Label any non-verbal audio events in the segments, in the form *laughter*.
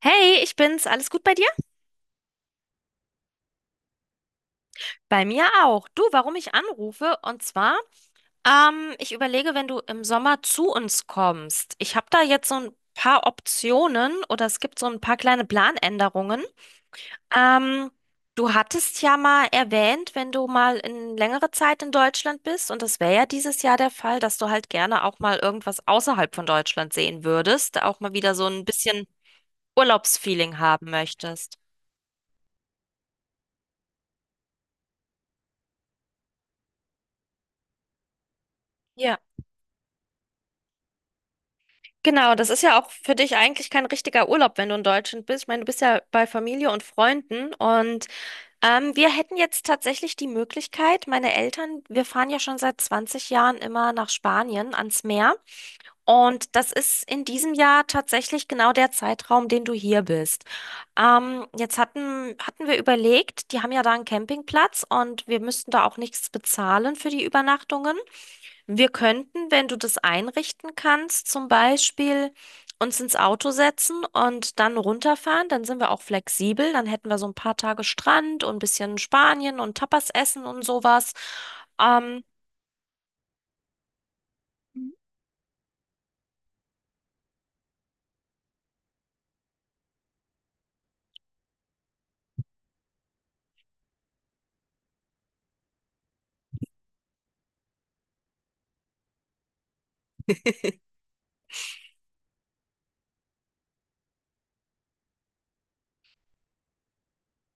Hey, ich bin's. Alles gut bei dir? Bei mir auch. Du, warum ich anrufe? Und zwar, ich überlege, wenn du im Sommer zu uns kommst. Ich habe da jetzt so ein paar Optionen oder es gibt so ein paar kleine Planänderungen. Ähm, du hattest ja mal erwähnt, wenn du mal in längere Zeit in Deutschland bist, und das wäre ja dieses Jahr der Fall, dass du halt gerne auch mal irgendwas außerhalb von Deutschland sehen würdest, auch mal wieder so ein bisschen Urlaubsfeeling haben möchtest. Ja. Genau, das ist ja auch für dich eigentlich kein richtiger Urlaub, wenn du in Deutschland bist. Ich meine, du bist ja bei Familie und Freunden und wir hätten jetzt tatsächlich die Möglichkeit, meine Eltern, wir fahren ja schon seit 20 Jahren immer nach Spanien ans Meer und das ist in diesem Jahr tatsächlich genau der Zeitraum, den du hier bist. Jetzt hatten wir überlegt, die haben ja da einen Campingplatz und wir müssten da auch nichts bezahlen für die Übernachtungen. Wir könnten, wenn du das einrichten kannst, zum Beispiel uns ins Auto setzen und dann runterfahren. Dann sind wir auch flexibel. Dann hätten wir so ein paar Tage Strand und ein bisschen Spanien und Tapas essen und sowas. Ähm,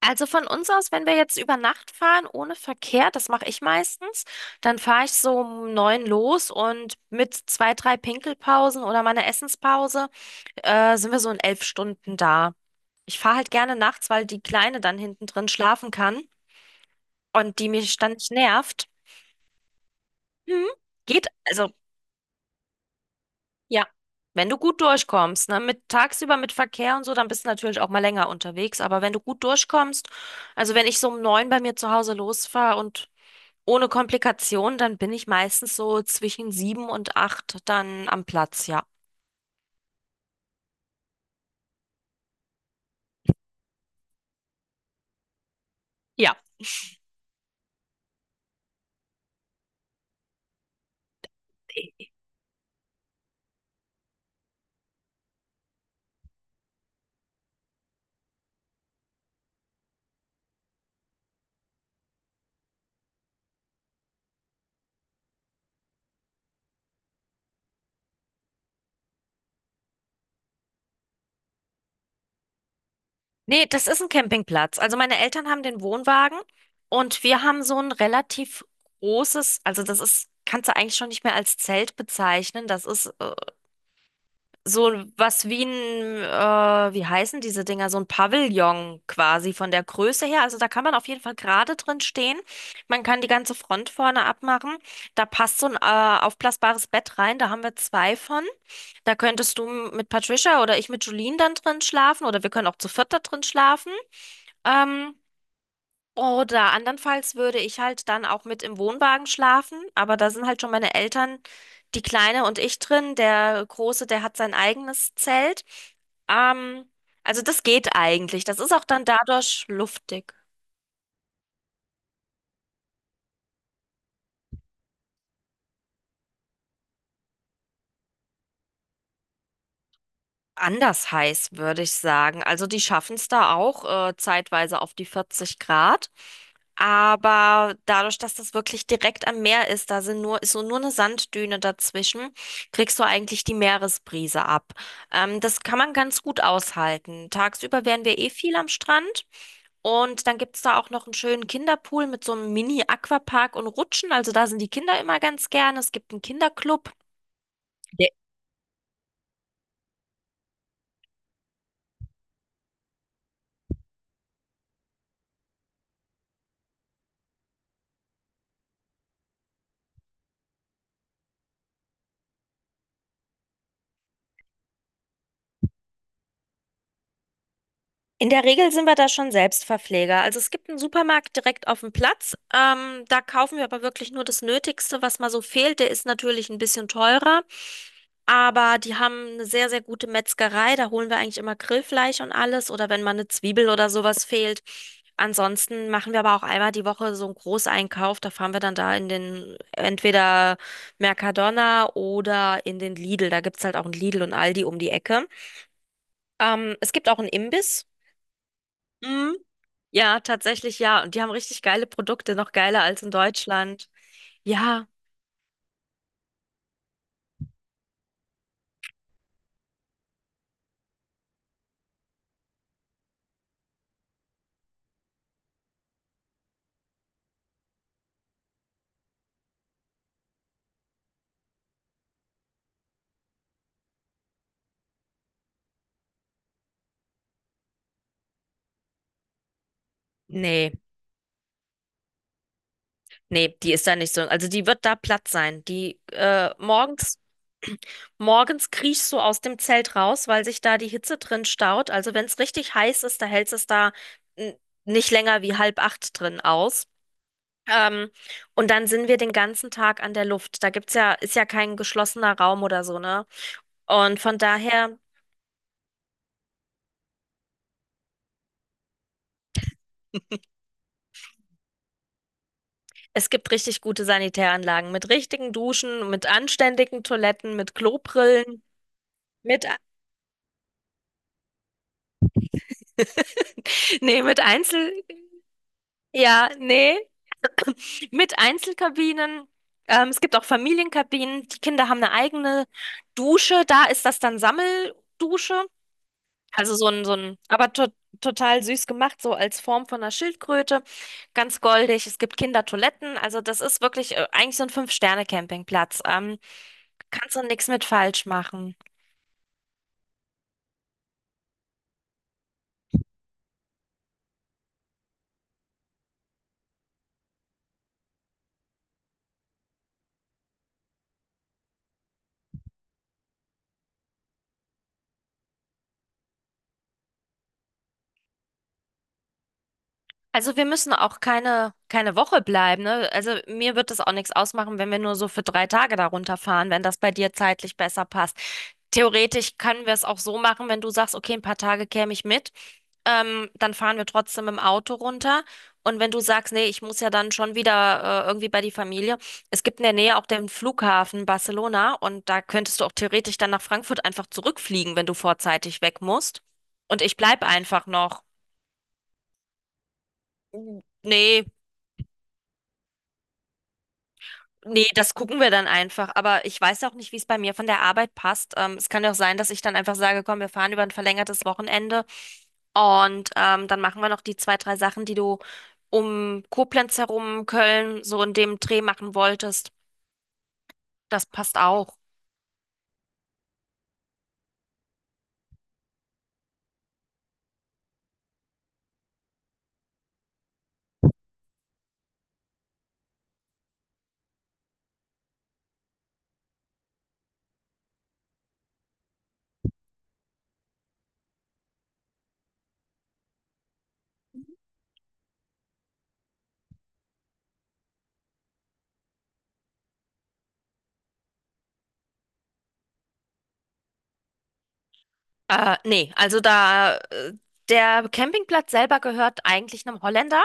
also von uns aus, wenn wir jetzt über Nacht fahren, ohne Verkehr, das mache ich meistens, dann fahre ich so um neun los und mit zwei, drei Pinkelpausen oder meiner Essenspause, sind wir so in 11 Stunden da. Ich fahre halt gerne nachts, weil die Kleine dann hinten drin schlafen kann. Und die mich ständig nervt. Hm, geht, also ja, wenn du gut durchkommst, ne, mit tagsüber mit Verkehr und so, dann bist du natürlich auch mal länger unterwegs, aber wenn du gut durchkommst, also wenn ich so um neun bei mir zu Hause losfahre und ohne Komplikation, dann bin ich meistens so zwischen sieben und acht dann am Platz, ja. Ja. Nee, das ist ein Campingplatz. Also meine Eltern haben den Wohnwagen und wir haben so ein relativ großes, also das ist, kannst du eigentlich schon nicht mehr als Zelt bezeichnen. Das ist so was wie ein, wie heißen diese Dinger, so ein Pavillon quasi von der Größe her. Also da kann man auf jeden Fall gerade drin stehen. Man kann die ganze Front vorne abmachen. Da passt so ein aufblasbares Bett rein. Da haben wir zwei von. Da könntest du mit Patricia oder ich mit Julien dann drin schlafen oder wir können auch zu viert da drin schlafen. Ähm, oder andernfalls würde ich halt dann auch mit im Wohnwagen schlafen, aber da sind halt schon meine Eltern, die Kleine und ich drin. Der Große, der hat sein eigenes Zelt. Ähm, also das geht eigentlich. Das ist auch dann dadurch luftig. Anders heiß, würde ich sagen. Also die schaffen es da auch zeitweise auf die 40 Grad. Aber dadurch, dass das wirklich direkt am Meer ist, da sind nur, ist so nur eine Sanddüne dazwischen, kriegst du eigentlich die Meeresbrise ab. Das kann man ganz gut aushalten. Tagsüber wären wir eh viel am Strand. Und dann gibt es da auch noch einen schönen Kinderpool mit so einem Mini-Aquapark und Rutschen. Also da sind die Kinder immer ganz gerne. Es gibt einen Kinderclub. In der Regel sind wir da schon Selbstverpfleger. Also es gibt einen Supermarkt direkt auf dem Platz. Da kaufen wir aber wirklich nur das Nötigste, was mal so fehlt. Der ist natürlich ein bisschen teurer, aber die haben eine sehr, sehr gute Metzgerei. Da holen wir eigentlich immer Grillfleisch und alles oder wenn mal eine Zwiebel oder sowas fehlt. Ansonsten machen wir aber auch einmal die Woche so einen Großeinkauf. Da fahren wir dann da in den entweder Mercadona oder in den Lidl. Da gibt's halt auch einen Lidl und Aldi um die Ecke. Es gibt auch einen Imbiss. Mm. Ja, tatsächlich ja. Und die haben richtig geile Produkte, noch geiler als in Deutschland. Ja, nee, nee, die ist da nicht so. Also die wird da platt sein. Morgens kriechst du aus dem Zelt raus, weil sich da die Hitze drin staut. Also wenn es richtig heiß ist, da hält es da n- nicht länger wie halb acht drin aus. Ähm, und dann sind wir den ganzen Tag an der Luft. Da gibt's ja, ist ja kein geschlossener Raum oder so, ne? Und von daher. Es gibt richtig gute Sanitäranlagen mit richtigen Duschen, mit anständigen Toiletten, mit Klobrillen, mit a- *laughs* nee, mit Einzel ja, nee, mit Einzelkabinen. Es gibt auch Familienkabinen. Die Kinder haben eine eigene Dusche. Da ist das dann Sammeldusche. Also so ein, aber to total süß gemacht, so als Form von einer Schildkröte. Ganz goldig. Es gibt Kindertoiletten. Also das ist wirklich eigentlich so ein Fünf-Sterne-Campingplatz. Kannst du nichts mit falsch machen. Also wir müssen auch keine Woche bleiben, ne? Also mir wird das auch nichts ausmachen, wenn wir nur so für 3 Tage darunter fahren wenn das bei dir zeitlich besser passt. Theoretisch können wir es auch so machen, wenn du sagst, okay, ein paar Tage käme ich mit, dann fahren wir trotzdem im Auto runter. Und wenn du sagst, nee, ich muss ja dann schon wieder irgendwie bei die Familie, es gibt in der Nähe auch den Flughafen Barcelona und da könntest du auch theoretisch dann nach Frankfurt einfach zurückfliegen, wenn du vorzeitig weg musst. Und ich bleib einfach noch. Nee, nee, das gucken wir dann einfach. Aber ich weiß auch nicht, wie es bei mir von der Arbeit passt. Es kann ja auch sein, dass ich dann einfach sage, komm, wir fahren über ein verlängertes Wochenende und dann machen wir noch die zwei, drei Sachen, die du um Koblenz herum, Köln, so in dem Dreh machen wolltest. Das passt auch. Nee, also da, der Campingplatz selber gehört eigentlich einem Holländer.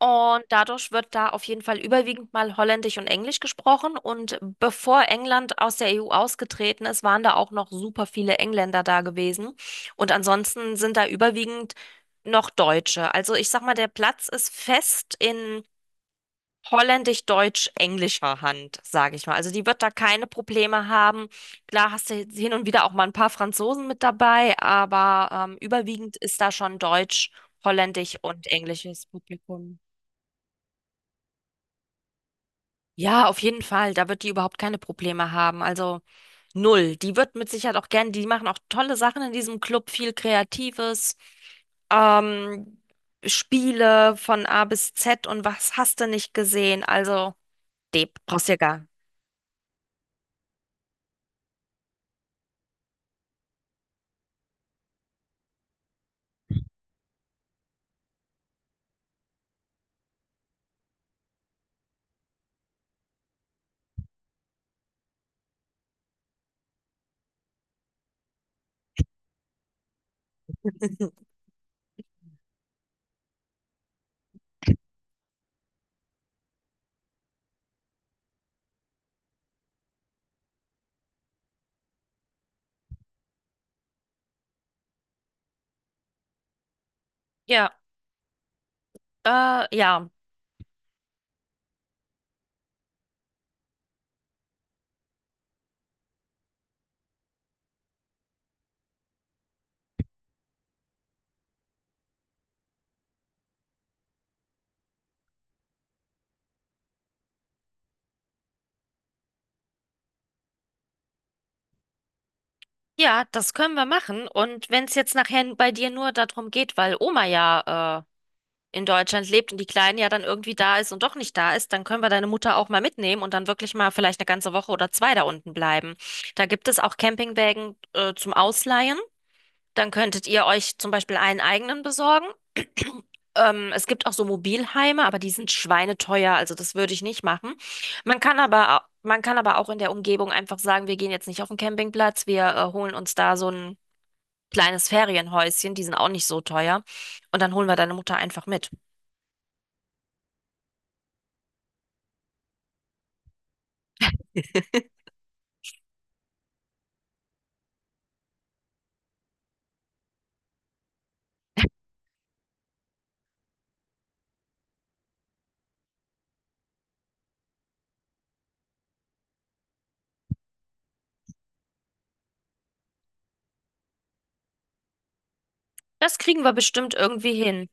Und dadurch wird da auf jeden Fall überwiegend mal Holländisch und Englisch gesprochen. Und bevor England aus der EU ausgetreten ist, waren da auch noch super viele Engländer da gewesen. Und ansonsten sind da überwiegend noch Deutsche. Also ich sag mal, der Platz ist fest in holländisch-deutsch-englischer Hand, sage ich mal. Also die wird da keine Probleme haben. Klar hast du jetzt hin und wieder auch mal ein paar Franzosen mit dabei, aber überwiegend ist da schon Deutsch, Holländisch und englisches Publikum. Ja, auf jeden Fall. Da wird die überhaupt keine Probleme haben. Also null. Die wird mit Sicherheit auch gern, die machen auch tolle Sachen in diesem Club, viel Kreatives, ähm, Spiele von A bis Z und was hast du nicht gesehen? Also, Deb, brauchst dir gar. Ja, ja. Ja, das können wir machen. Und wenn es jetzt nachher bei dir nur darum geht, weil Oma ja in Deutschland lebt und die Kleine ja dann irgendwie da ist und doch nicht da ist, dann können wir deine Mutter auch mal mitnehmen und dann wirklich mal vielleicht eine ganze Woche oder zwei da unten bleiben. Da gibt es auch Campingwägen, zum Ausleihen. Dann könntet ihr euch zum Beispiel einen eigenen besorgen. *clears throat* Es gibt auch so Mobilheime, aber die sind schweineteuer, also das würde ich nicht machen. Man kann aber auch in der Umgebung einfach sagen, wir gehen jetzt nicht auf den Campingplatz, wir holen uns da so ein kleines Ferienhäuschen, die sind auch nicht so teuer. Und dann holen wir deine Mutter einfach mit. Das kriegen wir bestimmt irgendwie hin.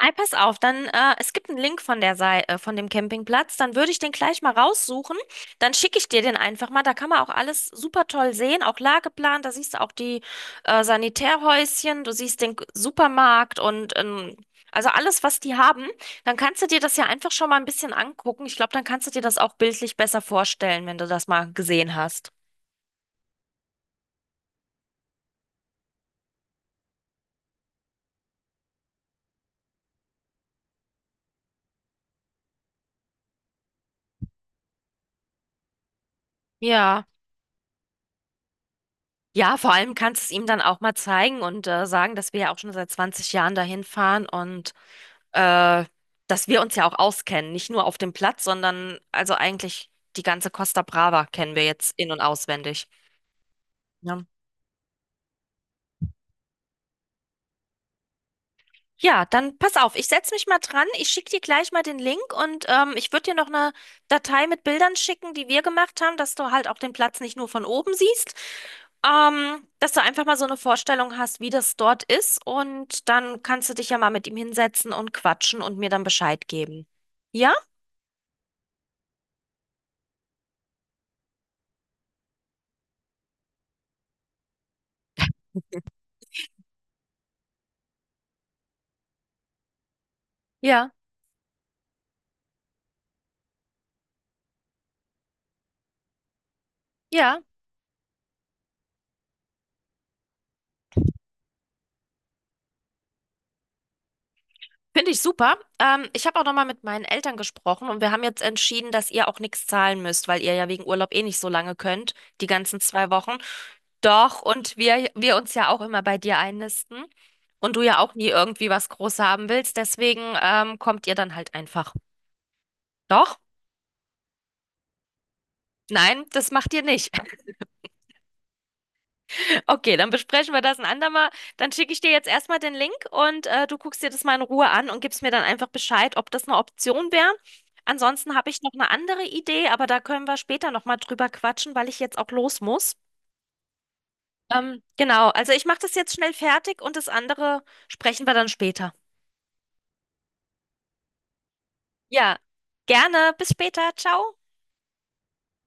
Ei, pass auf, dann, es gibt einen Link von der Sei von dem Campingplatz, dann würde ich den gleich mal raussuchen, dann schicke ich dir den einfach mal, da kann man auch alles super toll sehen, auch Lageplan, da siehst du auch die Sanitärhäuschen, du siehst den Supermarkt und also alles, was die haben, dann kannst du dir das ja einfach schon mal ein bisschen angucken. Ich glaube, dann kannst du dir das auch bildlich besser vorstellen, wenn du das mal gesehen hast. Ja. Ja, vor allem kannst du es ihm dann auch mal zeigen und sagen, dass wir ja auch schon seit 20 Jahren dahin fahren und äh, dass wir uns ja auch auskennen. Nicht nur auf dem Platz, sondern also eigentlich die ganze Costa Brava kennen wir jetzt in- und auswendig. Ne? Ja, dann pass auf, ich setze mich mal dran. Ich schicke dir gleich mal den Link und ich würde dir noch eine Datei mit Bildern schicken, die wir gemacht haben, dass du halt auch den Platz nicht nur von oben siehst, dass du einfach mal so eine Vorstellung hast, wie das dort ist und dann kannst du dich ja mal mit ihm hinsetzen und quatschen und mir dann Bescheid geben. Ja? Ja, ja. Finde ich super. Ich habe auch nochmal mit meinen Eltern gesprochen und wir haben jetzt entschieden, dass ihr auch nichts zahlen müsst, weil ihr ja wegen Urlaub eh nicht so lange könnt, die ganzen 2 Wochen. Doch, und wir uns ja auch immer bei dir einnisten und du ja auch nie irgendwie was groß haben willst, deswegen kommt ihr dann halt einfach. Doch? Nein, das macht ihr nicht. Okay, dann besprechen wir das ein andermal. Dann schicke ich dir jetzt erstmal den Link und du guckst dir das mal in Ruhe an und gibst mir dann einfach Bescheid, ob das eine Option wäre. Ansonsten habe ich noch eine andere Idee, aber da können wir später nochmal drüber quatschen, weil ich jetzt auch los muss. Genau, also ich mache das jetzt schnell fertig und das andere sprechen wir dann später. Ja, gerne. Bis später. Ciao.